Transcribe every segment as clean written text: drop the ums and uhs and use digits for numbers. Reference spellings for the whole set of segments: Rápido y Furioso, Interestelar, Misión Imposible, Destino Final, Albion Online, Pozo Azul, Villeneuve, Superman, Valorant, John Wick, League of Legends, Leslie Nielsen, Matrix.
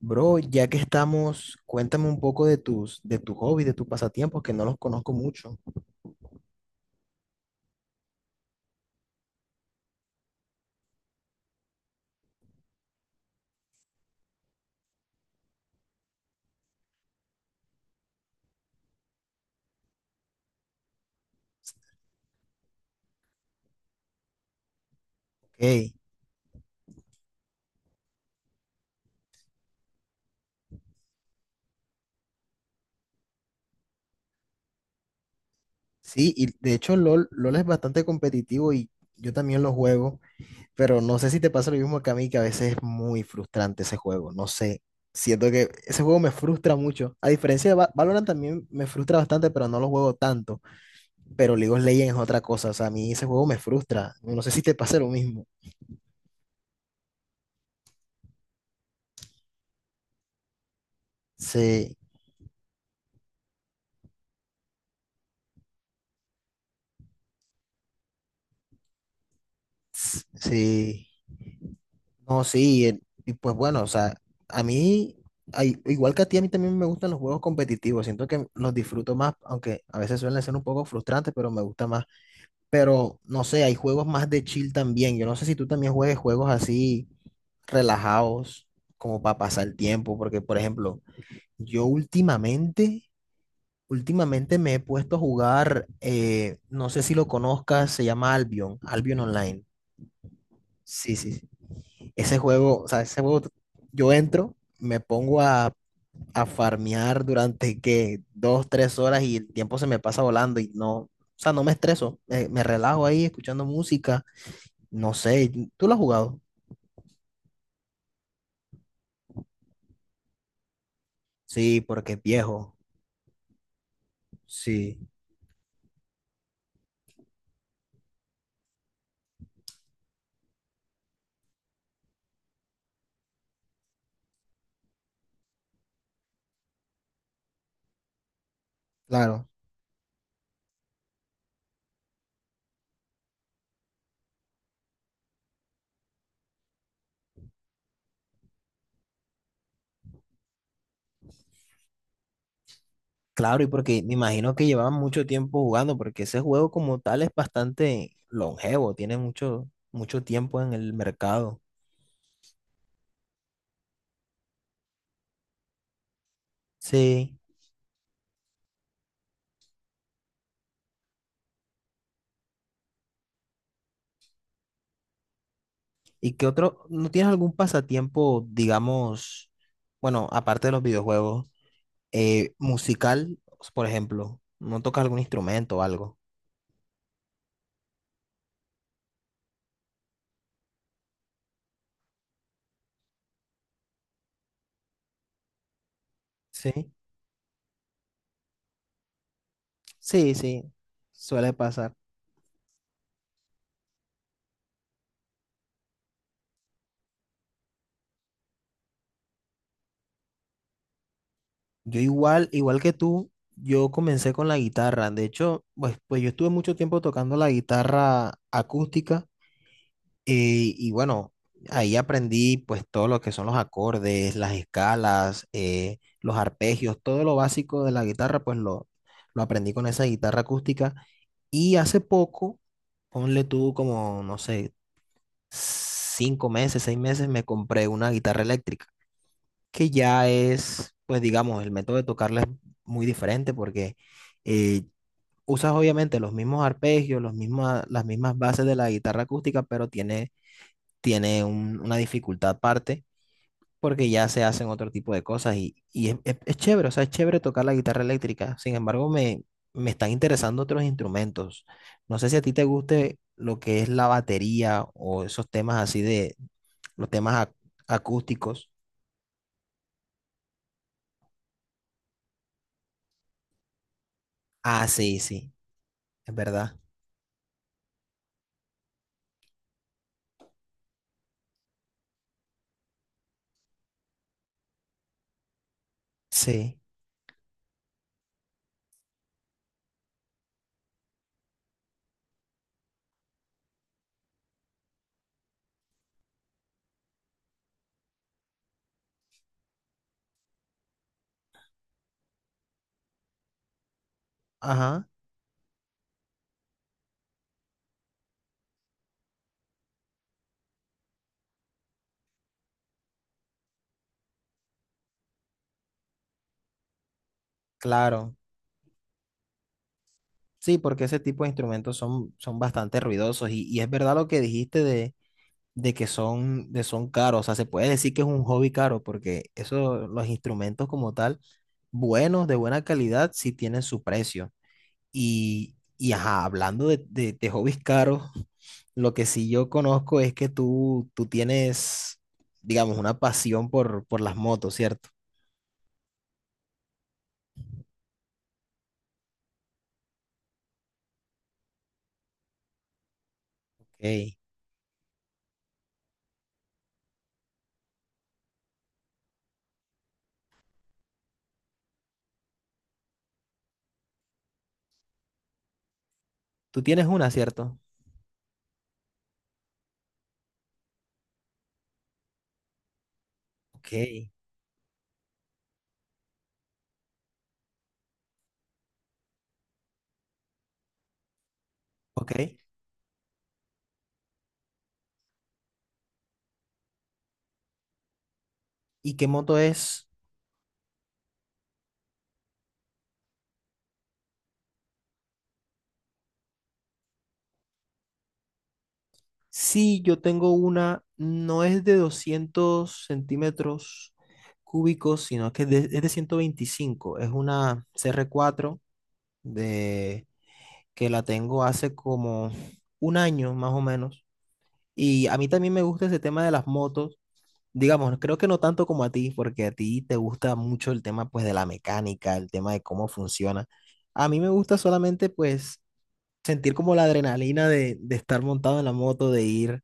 Bro, ya que estamos, cuéntame un poco de tus hobbies, de tus pasatiempos, que no los conozco mucho. Ok, sí, y de hecho LOL, LOL es bastante competitivo y yo también lo juego, pero no sé si te pasa lo mismo que a mí, que a veces es muy frustrante ese juego, no sé. Siento que ese juego me frustra mucho. A diferencia de Valorant también me frustra bastante, pero no lo juego tanto. Pero League of Legends es otra cosa, o sea, a mí ese juego me frustra. No sé si te pasa lo mismo. Sí, sí. No, sí, y pues bueno, o sea, a mí, igual que a ti, a mí también me gustan los juegos competitivos, siento que los disfruto más, aunque a veces suelen ser un poco frustrantes, pero me gusta más. Pero no sé, hay juegos más de chill también, yo no sé si tú también juegues juegos así relajados, como para pasar el tiempo, porque por ejemplo, yo últimamente, últimamente me he puesto a jugar, no sé si lo conozcas, se llama Albion, Albion Online. Sí, sí. Sí. Ese juego, yo entro, me pongo a farmear durante que dos, tres horas y el tiempo se me pasa volando y no, o sea, no me estreso, me relajo ahí escuchando música, no sé, ¿tú lo has jugado? Sí, porque es viejo, sí, claro, claro, y porque me imagino que llevaban mucho tiempo jugando, porque ese juego como tal es bastante longevo, tiene mucho tiempo en el mercado. Sí. ¿Y qué otro? ¿No tienes algún pasatiempo, digamos, bueno, aparte de los videojuegos, musical, por ejemplo? ¿No tocas algún instrumento o algo? Sí, sí, suele pasar. Yo igual, igual que tú, yo comencé con la guitarra. De hecho, pues yo estuve mucho tiempo tocando la guitarra acústica. Y bueno, ahí aprendí pues todo lo que son los acordes, las escalas, los arpegios, todo lo básico de la guitarra, lo aprendí con esa guitarra acústica. Y hace poco, ponle tú como, no sé, cinco meses, seis meses, me compré una guitarra eléctrica, que ya es, pues digamos, el método de tocarla es muy diferente porque eh, usas obviamente los mismos arpegios, las mismas bases de la guitarra acústica, pero tiene una dificultad aparte porque ya se hacen otro tipo de cosas y es chévere, o sea, es chévere tocar la guitarra eléctrica. Sin embargo, me están interesando otros instrumentos. No sé si a ti te guste lo que es la batería o esos temas así de los temas ac- acústicos. Ah, sí, sí, es verdad. Sí, ajá, claro. Sí, porque ese tipo de instrumentos son, son bastante ruidosos y es verdad lo que dijiste de que son, de son caros. O sea, se puede decir que es un hobby caro porque eso, los instrumentos como tal, buenos, de buena calidad, sí tienen su precio. Y ajá, hablando de hobbies caros, lo que sí yo conozco es que tú tienes, digamos, una pasión por las motos, ¿cierto? Ok. Tú tienes una, ¿cierto? Ok. Ok. ¿Y qué moto es? Sí, yo tengo una, no es de 200 centímetros cúbicos, sino que es de 125. Es una cr cuatro de, que la tengo hace como un año más o menos. Y a mí también me gusta ese tema de las motos. Digamos, creo que no tanto como a ti, porque a ti te gusta mucho el tema pues de la mecánica, el tema de cómo funciona. A mí me gusta solamente pues sentir como la adrenalina de estar montado en la moto,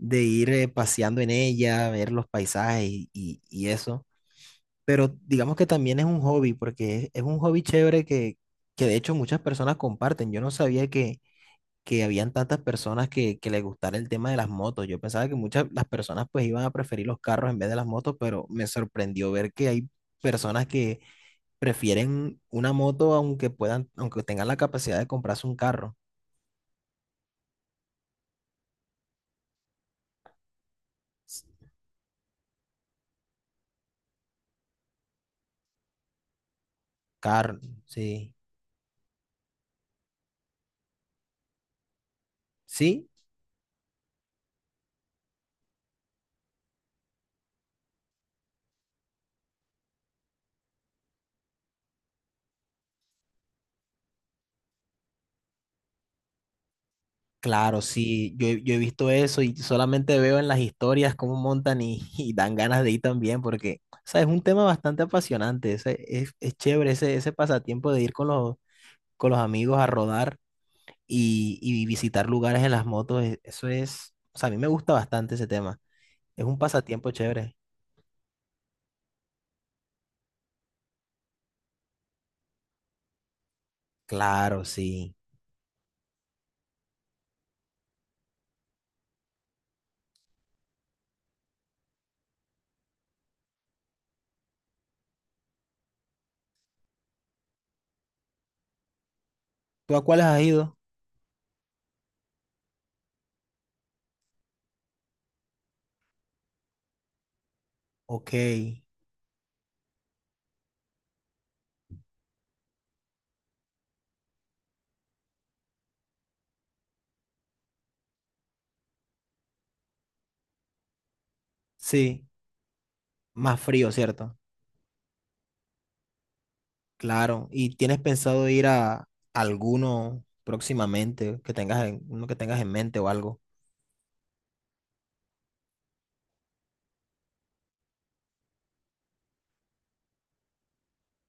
de ir paseando en ella, ver los paisajes y y eso. Pero digamos que también es un hobby, porque es un hobby chévere que de hecho muchas personas comparten. Yo no sabía que habían tantas personas que les gustara el tema de las motos. Yo pensaba que muchas las personas pues iban a preferir los carros en vez de las motos, pero me sorprendió ver que hay personas que prefieren una moto aunque puedan, aunque tengan la capacidad de comprarse un carro. S- Carro, sí. ¿Sí? Claro, sí, yo he visto eso y solamente veo en las historias cómo montan y, y dan ganas de ir también, porque, o sea, es un tema bastante apasionante, es chévere ese pasatiempo de ir con los amigos a rodar y visitar lugares en las motos, eso es, o sea, a mí me gusta bastante ese tema, es un pasatiempo chévere. Claro, sí. ¿Tú a cuáles has ido? Ok, sí, más frío, ¿cierto? Claro, ¿y tienes pensado ir a alguno próximamente que tengas uno que tengas en mente o algo?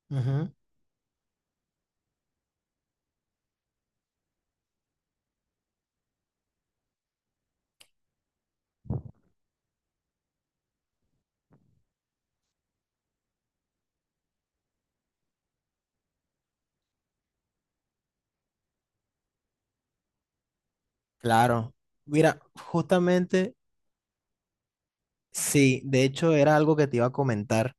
Ujú. Claro. Mira, justamente, sí, de hecho era algo que te iba a comentar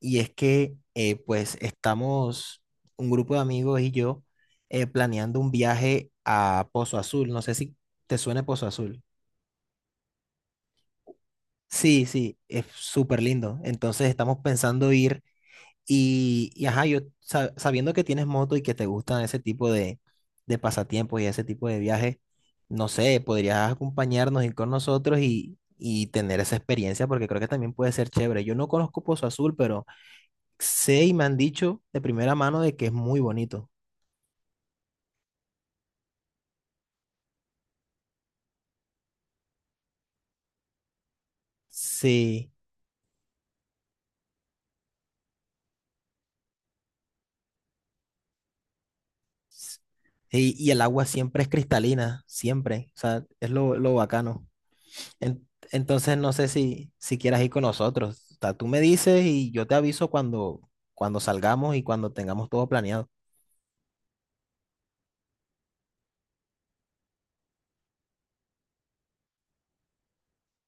y es que pues estamos un grupo de amigos y yo planeando un viaje a Pozo Azul. No sé si te suena Pozo Azul. Sí, sí, es súper lindo. Entonces estamos pensando ir. Y ajá, yo sabiendo que tienes moto y que te gustan ese tipo de pasatiempos y ese tipo de viajes, no sé, podrías acompañarnos, ir con nosotros y tener esa experiencia porque creo que también puede ser chévere. Yo no conozco Pozo Azul, pero sé y me han dicho de primera mano de que es muy bonito. Sí. s- y el agua siempre es cristalina, siempre. O sea, es lo bacano. Entonces no sé si quieras ir con nosotros. O sea, tú me dices y yo te aviso cuando salgamos y cuando tengamos todo planeado.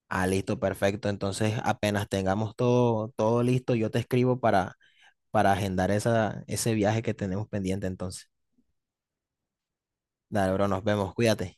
Ah, listo, perfecto. Entonces apenas tengamos todo listo, yo te escribo para agendar ese viaje que tenemos pendiente entonces. Dale, bro, nos vemos. Cuídate.